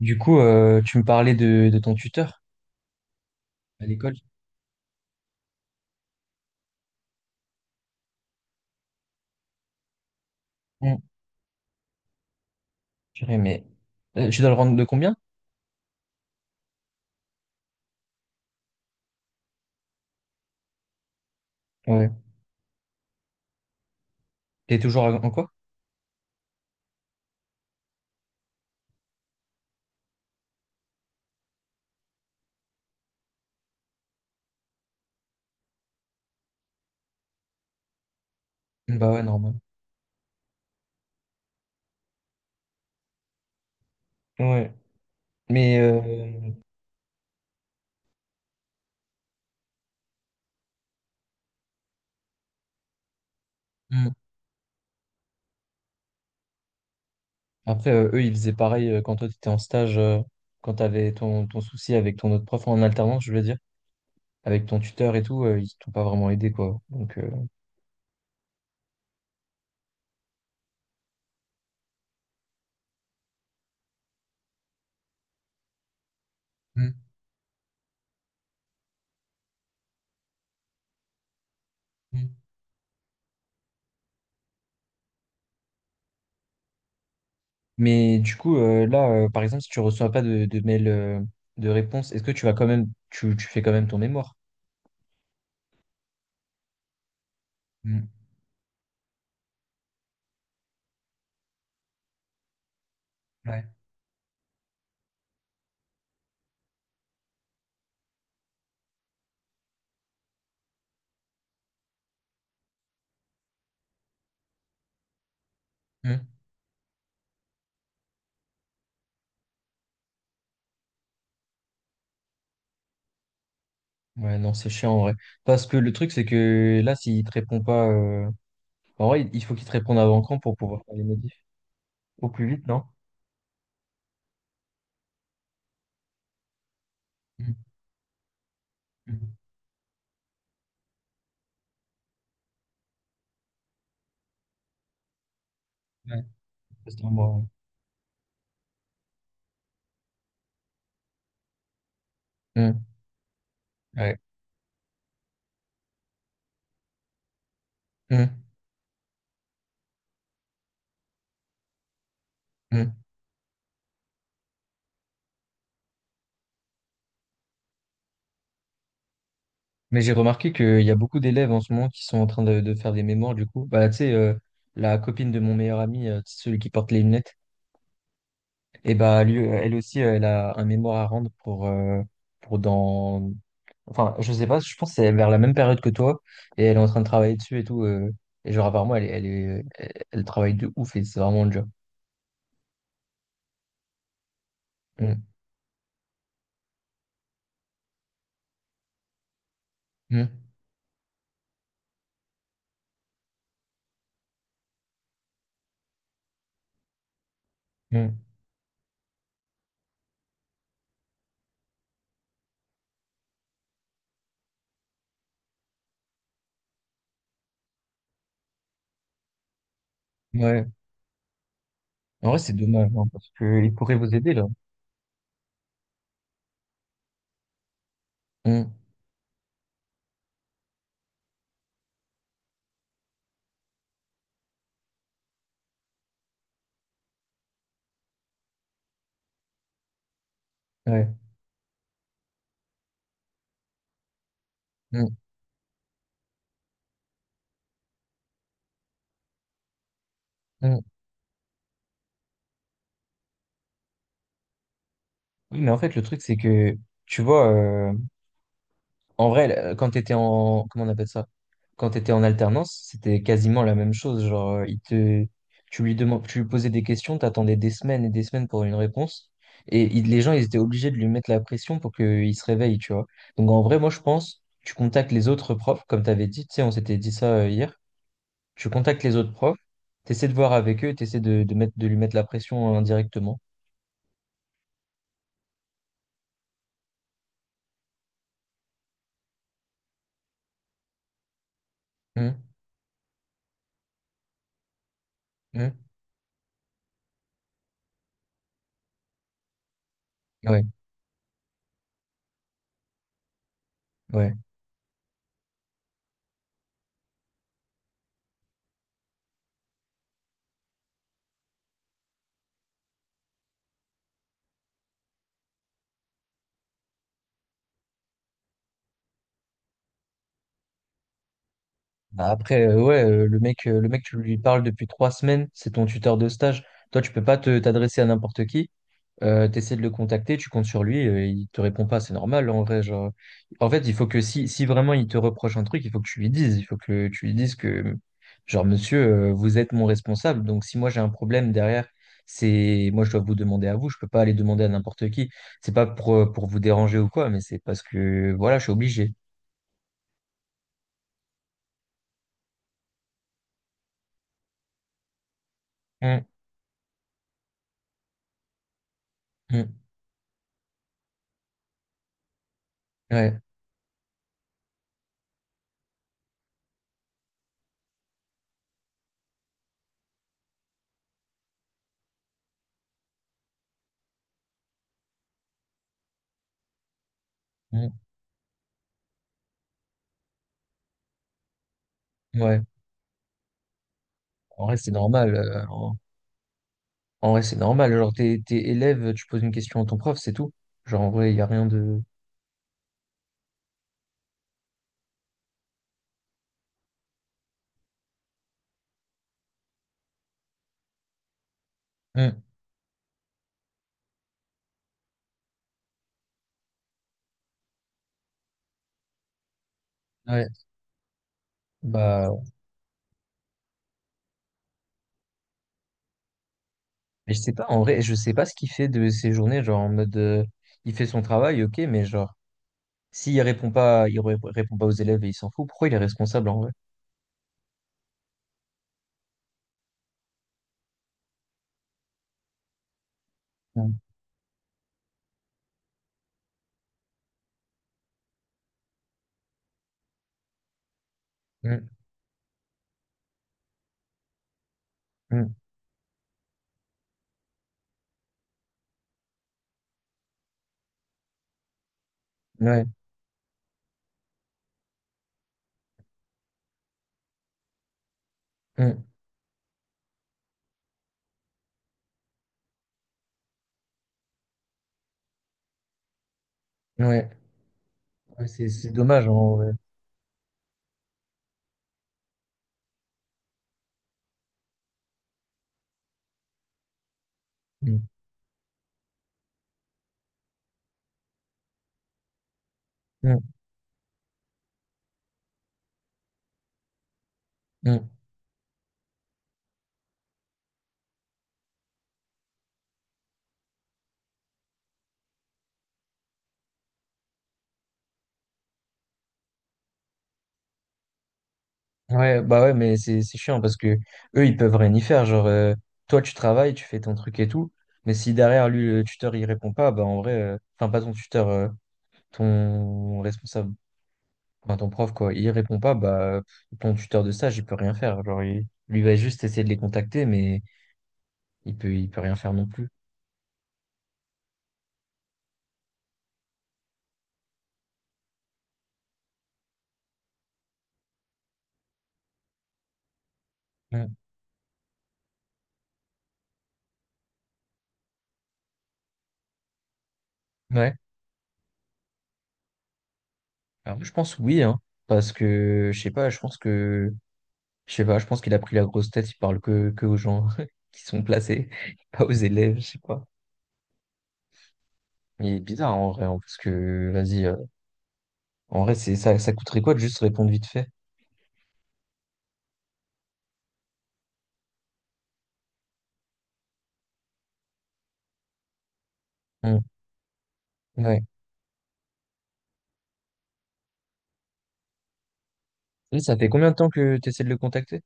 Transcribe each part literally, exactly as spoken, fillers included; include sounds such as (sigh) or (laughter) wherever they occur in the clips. Du coup, euh, tu me parlais de, de ton tuteur à l'école. Mm. Purée, mais euh, tu dois le rendre de combien? Ouais. T'es toujours en en quoi? Mm, bah ouais, normal. Ouais. Mais euh, mm. Après, euh, eux, ils faisaient pareil euh, quand toi, t'étais en stage, euh, quand t'avais ton, ton souci avec ton autre prof en alternance, je veux dire, avec ton tuteur et tout, euh, ils t'ont pas vraiment aidé, quoi. Donc. euh, Mm, mm. Mais du coup, euh, là, euh, par exemple, si tu reçois pas de, de mail euh, de réponse, est-ce que tu vas quand même, tu, tu fais quand même ton mémoire? Mm. Ouais. Mm. Ouais, non, c'est chiant en vrai. Parce que le truc, c'est que là, s'il te répond pas, euh, en vrai, il faut qu'il te réponde avant quand pour pouvoir faire les modifs? Au plus vite, non? Mhm, mhm. Ouais. Parce qu'en moi, ouais. Mm, ouais. Mm, mm. Mais j'ai remarqué qu'il y a beaucoup d'élèves en ce moment qui sont en train de, de faire des mémoires, du coup. Bah, tu sais, euh, la copine de mon meilleur ami, euh, celui qui porte les lunettes. Et bah, lui, euh, elle aussi, euh, elle a un mémoire à rendre pour, euh, pour dans. Enfin, je sais pas, je pense que c'est vers la même période que toi, et elle est en train de travailler dessus et tout. Euh, et genre, apparemment, elle, est- elle, est, elle, elle travaille de ouf et c'est vraiment dur. Mm, mm, mm. Ouais. En vrai, c'est dommage, hein, parce qu'ils pourraient vous aider, là. Mm, ouais. Mm, mm. Oui, mais en fait, le truc, c'est que, tu vois, euh, en vrai, euh, quand tu étais en, comment on appelle ça? Quand tu étais en alternance, c'était quasiment la même chose. Genre, euh, il te, tu lui demandes, tu lui posais des questions, t'attendais des semaines et des semaines pour une réponse. Et il- les gens, ils étaient obligés de lui mettre la pression pour qu'il se réveille, tu vois. Donc, en vrai, moi, je pense, tu contactes les autres profs, comme tu avais dit, tu sais, on s'était dit ça euh, hier. Tu contactes les autres profs, tu essaies de voir avec eux, tu essaies de, de mettre, de lui mettre la pression euh, indirectement. Hum, hum, Ouais, ouais. Bah, après, euh, ouais, euh, le mec, euh, le mec, tu lui parles depuis trois semaines, c'est ton tuteur de stage. Toi, tu peux pas te t'adresser à n'importe qui. Euh, t'essaies de le contacter, tu comptes sur lui, euh, il te répond pas, c'est normal en vrai. Genre, en fait, il faut que si, si vraiment il te reproche un truc, il faut que tu lui dises, il faut que tu lui dises que, genre, monsieur, euh, vous êtes mon responsable, donc si moi j'ai un problème derrière, c'est moi je dois vous demander à vous, je peux pas aller demander à n'importe qui. C'est pas pour, euh, pour vous déranger ou quoi, mais c'est parce que voilà, je suis obligé. Mm, mm, ouais, mm, ouais. En vrai, c'est normal. euh, En, en vrai, c'est normal. Genre, t'es, t'es élève, tu poses une question à ton prof, c'est tout. Genre, en vrai, il n'y a rien de. Hmm. Ouais. Bah, mais je sais pas, en vrai, je sais pas ce qu'il fait de ses journées. Genre, en mode, euh, il fait son travail, ok, mais genre, s'il répond pas, il ré- répond pas aux élèves et il s'en fout, pourquoi il est responsable en vrai? Hmm. Hmm. Hmm. Ouais. Hmm. Ouais. Ouais, c'est, c'est dommage en vrai. Hmm. Hmm. Hmm. Ouais, bah ouais, mais c'est c'est chiant parce que eux, ils peuvent rien y faire. Genre, euh, toi, tu travailles, tu fais ton truc et tout, mais si derrière lui, le tuteur, il répond pas, bah en vrai, euh, enfin, pas ton tuteur, euh, ton responsable, enfin, ton prof, quoi, il répond pas, bah ton tuteur de stage, il peut rien faire. Genre, il, lui va juste essayer de les contacter, mais il peut, il peut rien faire non plus. Mm. Ouais, alors je pense oui, hein, parce que, je sais pas, je pense que, je sais pas, je pense qu'il a pris la grosse tête, il parle que, que aux gens (laughs) qui sont placés, pas aux élèves, je sais pas. Il est bizarre en vrai, hein, parce que vas-y, euh, en vrai, c'est ça, ça coûterait quoi de juste répondre vite fait? Hmm, ouais. Là, ça fait combien de temps que tu essaies de le contacter?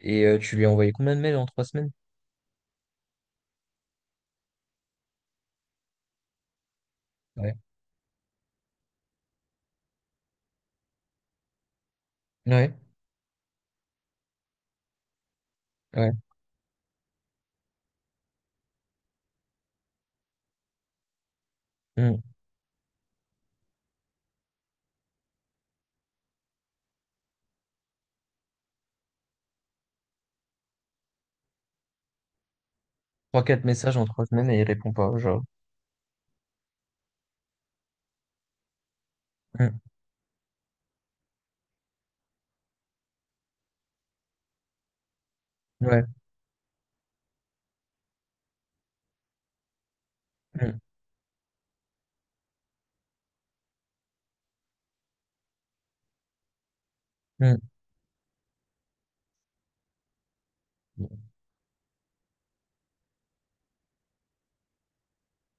Et euh, tu lui as envoyé combien de mails en trois semaines? Ouais. Ouais, ouais. Hmm. Trois, quatre messages en trois semaines et il répond pas, genre. Hmm, ouais. Hmm, hmm.